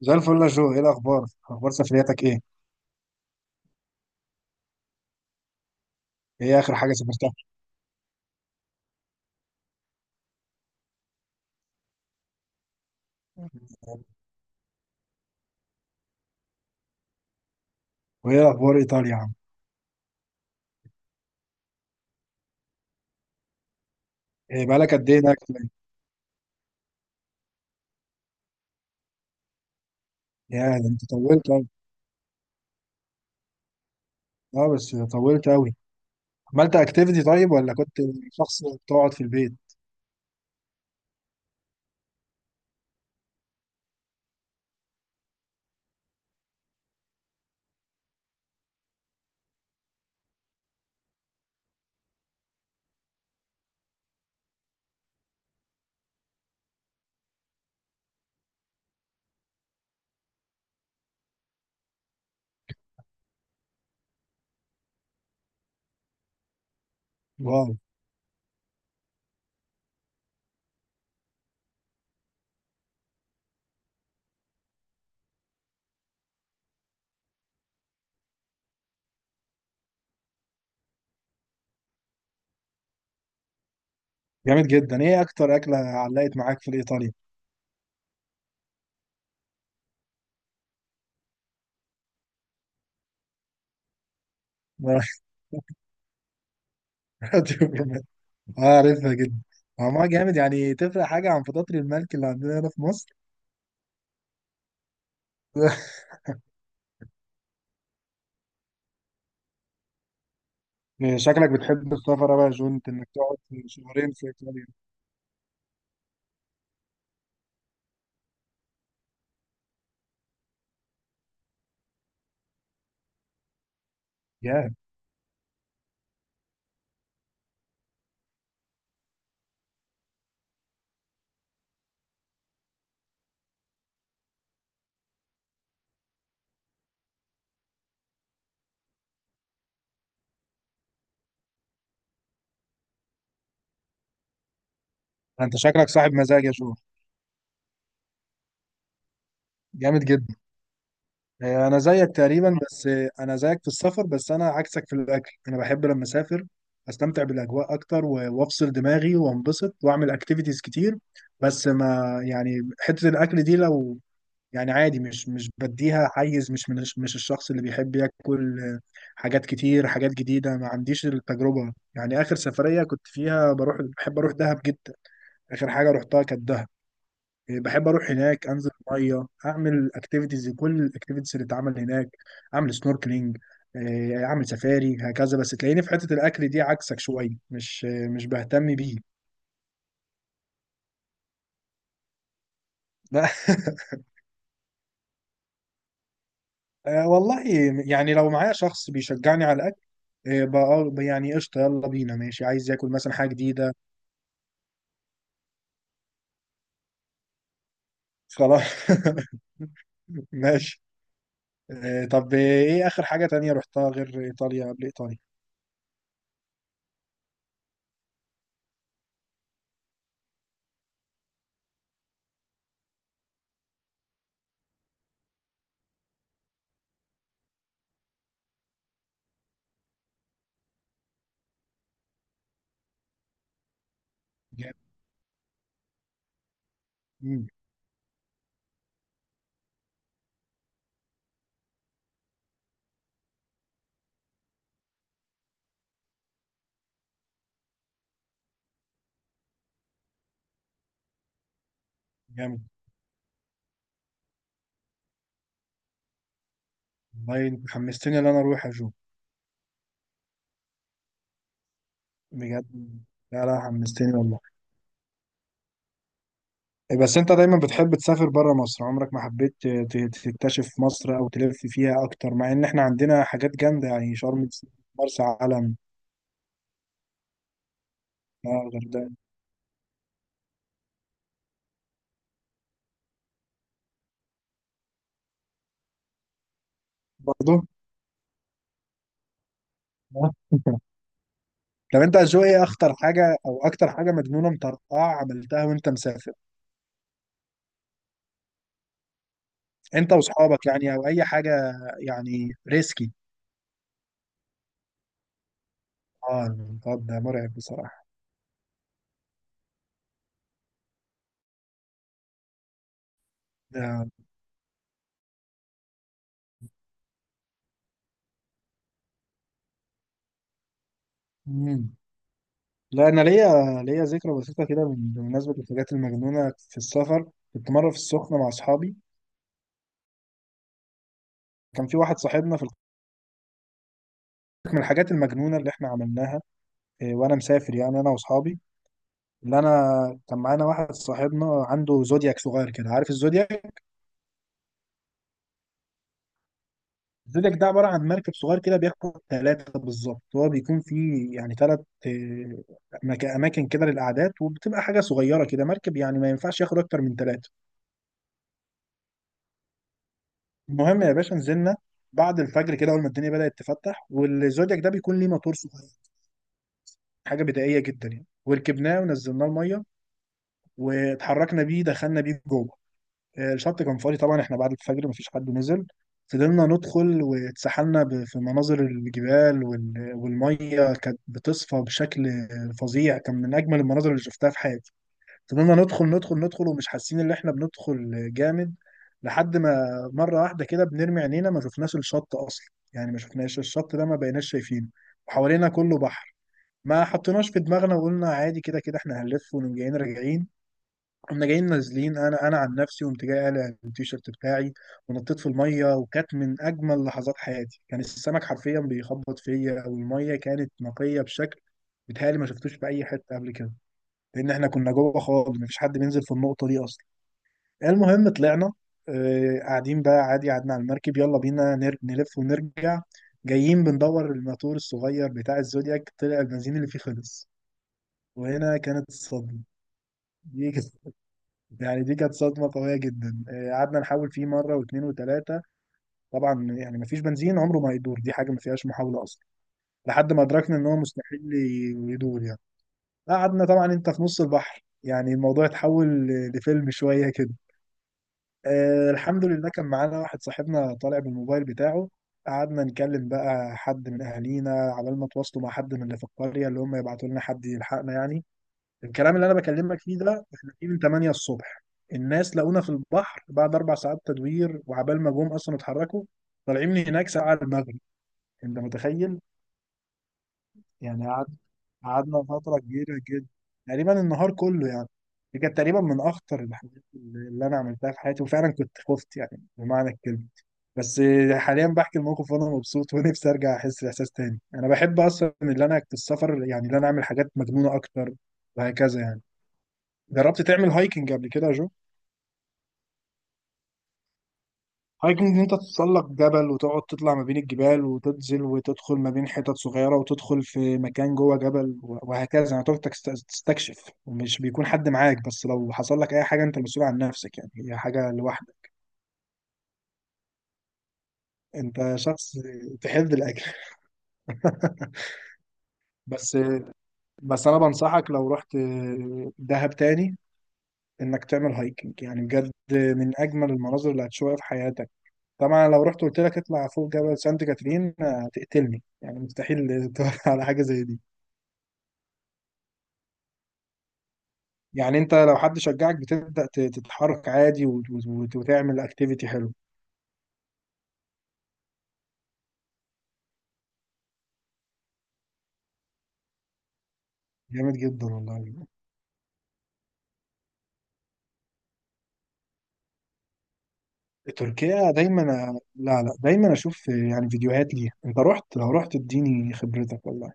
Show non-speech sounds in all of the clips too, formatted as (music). زي الفل يا جو، ايه الاخبار؟ اخبار سفرياتك ايه؟ ايه اخر حاجه سافرتها؟ وايه اخبار ايطاليا يا عم؟ إيه بقالك قد ايه هناك طيب؟ يا ده انت طولت قوي. اه بس طولت قوي. عملت اكتيفيتي طيب ولا كنت شخص بتقعد في البيت؟ واو. جامد جدا، ايه اكتر اكله علقت معاك في ايطاليا؟ (laughs) اه عارفها جدا. ما جامد يعني، تفرق حاجه عن فطاطري الملك اللي عندنا هنا في مصر؟ (laughs) شكلك بتحب السفر أوي يا جو، انت انك تقعد شهرين في ايطاليا. يا انت شكلك صاحب مزاج يا جو. جامد جدا. هي انا زيك تقريبا، بس انا زيك في السفر بس انا عكسك في الاكل. انا بحب لما اسافر استمتع بالاجواء اكتر و- وافصل دماغي وانبسط واعمل اكتيفيتيز كتير. بس ما يعني حتة الاكل دي لو يعني عادي، مش بديها حيز، مش الشخص اللي بيحب ياكل حاجات كتير، حاجات جديدة. ما عنديش التجربة يعني. اخر سفرية كنت فيها بروح، بحب اروح دهب جدا. اخر حاجة رحتها كانت دهب. إيه، بحب اروح هناك انزل الميه، اعمل اكتيفيتيز، كل الاكتيفيتيز اللي اتعمل هناك، اعمل سنوركلينج، اعمل سفاري هكذا. بس تلاقيني في حته الاكل دي عكسك شويه، مش بهتم بيه. لا (laughs) والله. يعني لو معايا شخص بيشجعني على الاكل بقى يعني قشطه، يلا بينا ماشي، عايز ياكل مثلا حاجه جديده. خلاص (laughs) ماشي. طب ايه اخر حاجه تانية رحتها غير ايطاليا قبل ايطاليا؟ جامد. مم، جامد والله، انت حمستني ان انا اروح يا جو. بجد. لا لا حمستني والله. إيه، بس انت دايما بتحب تسافر بره مصر، عمرك ما حبيت تكتشف مصر او تلف فيها اكتر، مع ان احنا عندنا حاجات جامده يعني شرم الشيخ، مرسى علم، الغردقه. برضه آه. (laughs) طب انت جو، ايه اخطر حاجه او اكتر حاجه مجنونه مطرقعه عملتها وانت مسافر؟ انت واصحابك يعني، او اي حاجه يعني ريسكي. اه الخط ده مرعب بصراحه. ده. مم. لا انا ليا، ليا ذكرى بسيطه كده بمناسبه الحاجات المجنونه في السفر. كنت مره في السخنه مع اصحابي. كان في واحد صاحبنا في من الحاجات المجنونه اللي احنا عملناها إيه، وانا مسافر، يعني انا واصحابي اللي انا كان معانا واحد صاحبنا عنده زودياك صغير كده، عارف الزودياك؟ الزودياك ده عباره عن مركب صغير كده، بياخد ثلاثه بالظبط. هو بيكون فيه يعني ثلاث اماكن كده للقعدات، وبتبقى حاجه صغيره كده مركب، يعني ما ينفعش ياخد اكتر من ثلاثه. المهم يا باشا نزلنا بعد الفجر كده، اول ما الدنيا بدأت تفتح، والزودياك ده بيكون ليه موتور صغير، حاجه بدائيه جدا يعني. وركبناه ونزلناه الميه واتحركنا بيه، دخلنا بيه جوه. الشط كان فاضي طبعا، احنا بعد الفجر مفيش حد نزل. فضلنا ندخل واتسحلنا في مناظر الجبال وال- والميه كانت بتصفى بشكل فظيع، كان من اجمل المناظر اللي شفتها في حياتي. فضلنا ندخل ندخل ندخل ومش حاسين ان احنا بندخل جامد، لحد ما مره واحده كده بنرمي عينينا ما شفناش الشط اصلا. يعني ما شفناش الشط ده، ما بقيناش شايفينه، وحوالينا كله بحر. ما حطيناش في دماغنا وقلنا عادي، كده كده احنا هنلف ونقوم جايين راجعين. قمنا جايين نازلين، انا عن نفسي قمت جاي قالع التيشيرت بتاعي ونطيت في الميه، وكانت من اجمل لحظات حياتي. كان السمك حرفيا بيخبط فيا، والميه كانت نقيه بشكل بيتهيألي ما شفتوش في اي حته قبل كده، لان احنا كنا جوه خالص، مفيش حد بينزل في النقطه دي اصلا. المهم طلعنا، قاعدين بقى عادي، قعدنا على المركب، يلا بينا نلف ونرجع. جايين بندور الماتور الصغير بتاع الزودياك، طلع البنزين اللي فيه خلص. وهنا كانت الصدمه. دي كانت- (laughs) يعني دي كانت صدمه قويه جدا. قعدنا نحاول فيه مره واثنين وثلاثه، طبعا يعني مفيش بنزين عمره ما يدور، دي حاجه ما فيهاش محاوله اصلا، لحد ما ادركنا ان هو مستحيل يدور يعني. قعدنا طبعا، انت في نص البحر يعني، الموضوع اتحول لفيلم شويه كده. آه الحمد لله كان معانا واحد صاحبنا طالع بالموبايل بتاعه. قعدنا نكلم بقى حد من اهالينا عبال ما تواصلوا مع حد من اللي في القريه، اللي هم يبعتوا لنا حد يلحقنا يعني. الكلام اللي انا بكلمك فيه ده احنا فيه من 8 الصبح، الناس لقونا في البحر بعد اربع ساعات تدوير، وعبال ما جم اصلا اتحركوا، طالعين من هناك ساعه المغرب. انت متخيل؟ يعني قعد، قعدنا فترة كبيرة جدا، تقريبا النهار كله يعني. دي كانت تقريبا من أخطر الحاجات اللي أنا عملتها في حياتي، وفعلا كنت خفت يعني بمعنى الكلمة. بس حاليا بحكي الموقف وأنا مبسوط (laughs) ونفسي أرجع أحس الإحساس تاني. أنا بحب أصلا، اللي أنا في السفر يعني اللي أنا أعمل حاجات مجنونة أكتر وهكذا يعني. جربت تعمل هايكنج قبل كده يا جو؟ هايكنج ان انت تتسلق جبل وتقعد تطلع ما بين الجبال وتنزل وتدخل ما بين حتت صغيره وتدخل في مكان جوه جبل وهكذا، يعني تقعد تستكشف، ومش بيكون حد معاك، بس لو حصل لك اي حاجه انت مسؤول عن نفسك يعني، هي حاجه لوحدك. انت شخص تحب الاكل (laughs) بس بس انا بنصحك لو رحت دهب تاني انك تعمل هايكنج، يعني بجد من اجمل المناظر اللي هتشوفها في حياتك. طبعا لو رحت قلت لك اطلع فوق جبل سانت كاترين هتقتلني يعني، مستحيل تقول (laughs) على حاجه زي دي. يعني انت لو حد شجعك بتبدا تتحرك عادي وت- وت- وتعمل اكتيفيتي حلو. جامد جدا والله. تركيا دايما. لا لا دايما اشوف يعني فيديوهات ليها. انت رحت، لو رحت اديني خبرتك والله.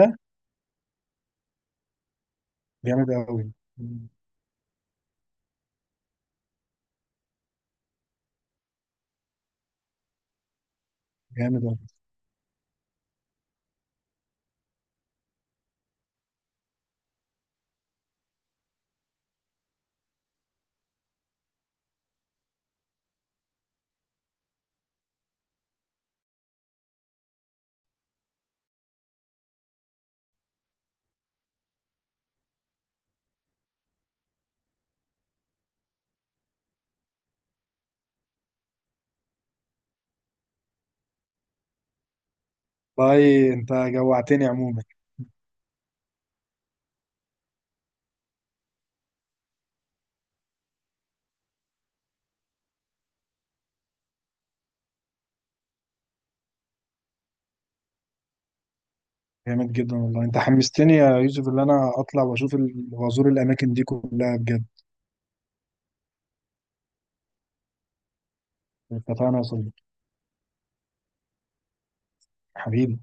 إيه؟ جامد قوي. جامد قوي. والله انت جوعتني عموما. جامد جدا والله، انت حمستني يا يوسف ان انا اطلع واشوف وازور الاماكن دي كلها بجد. اتفقنا يا صديقي. حبيبي.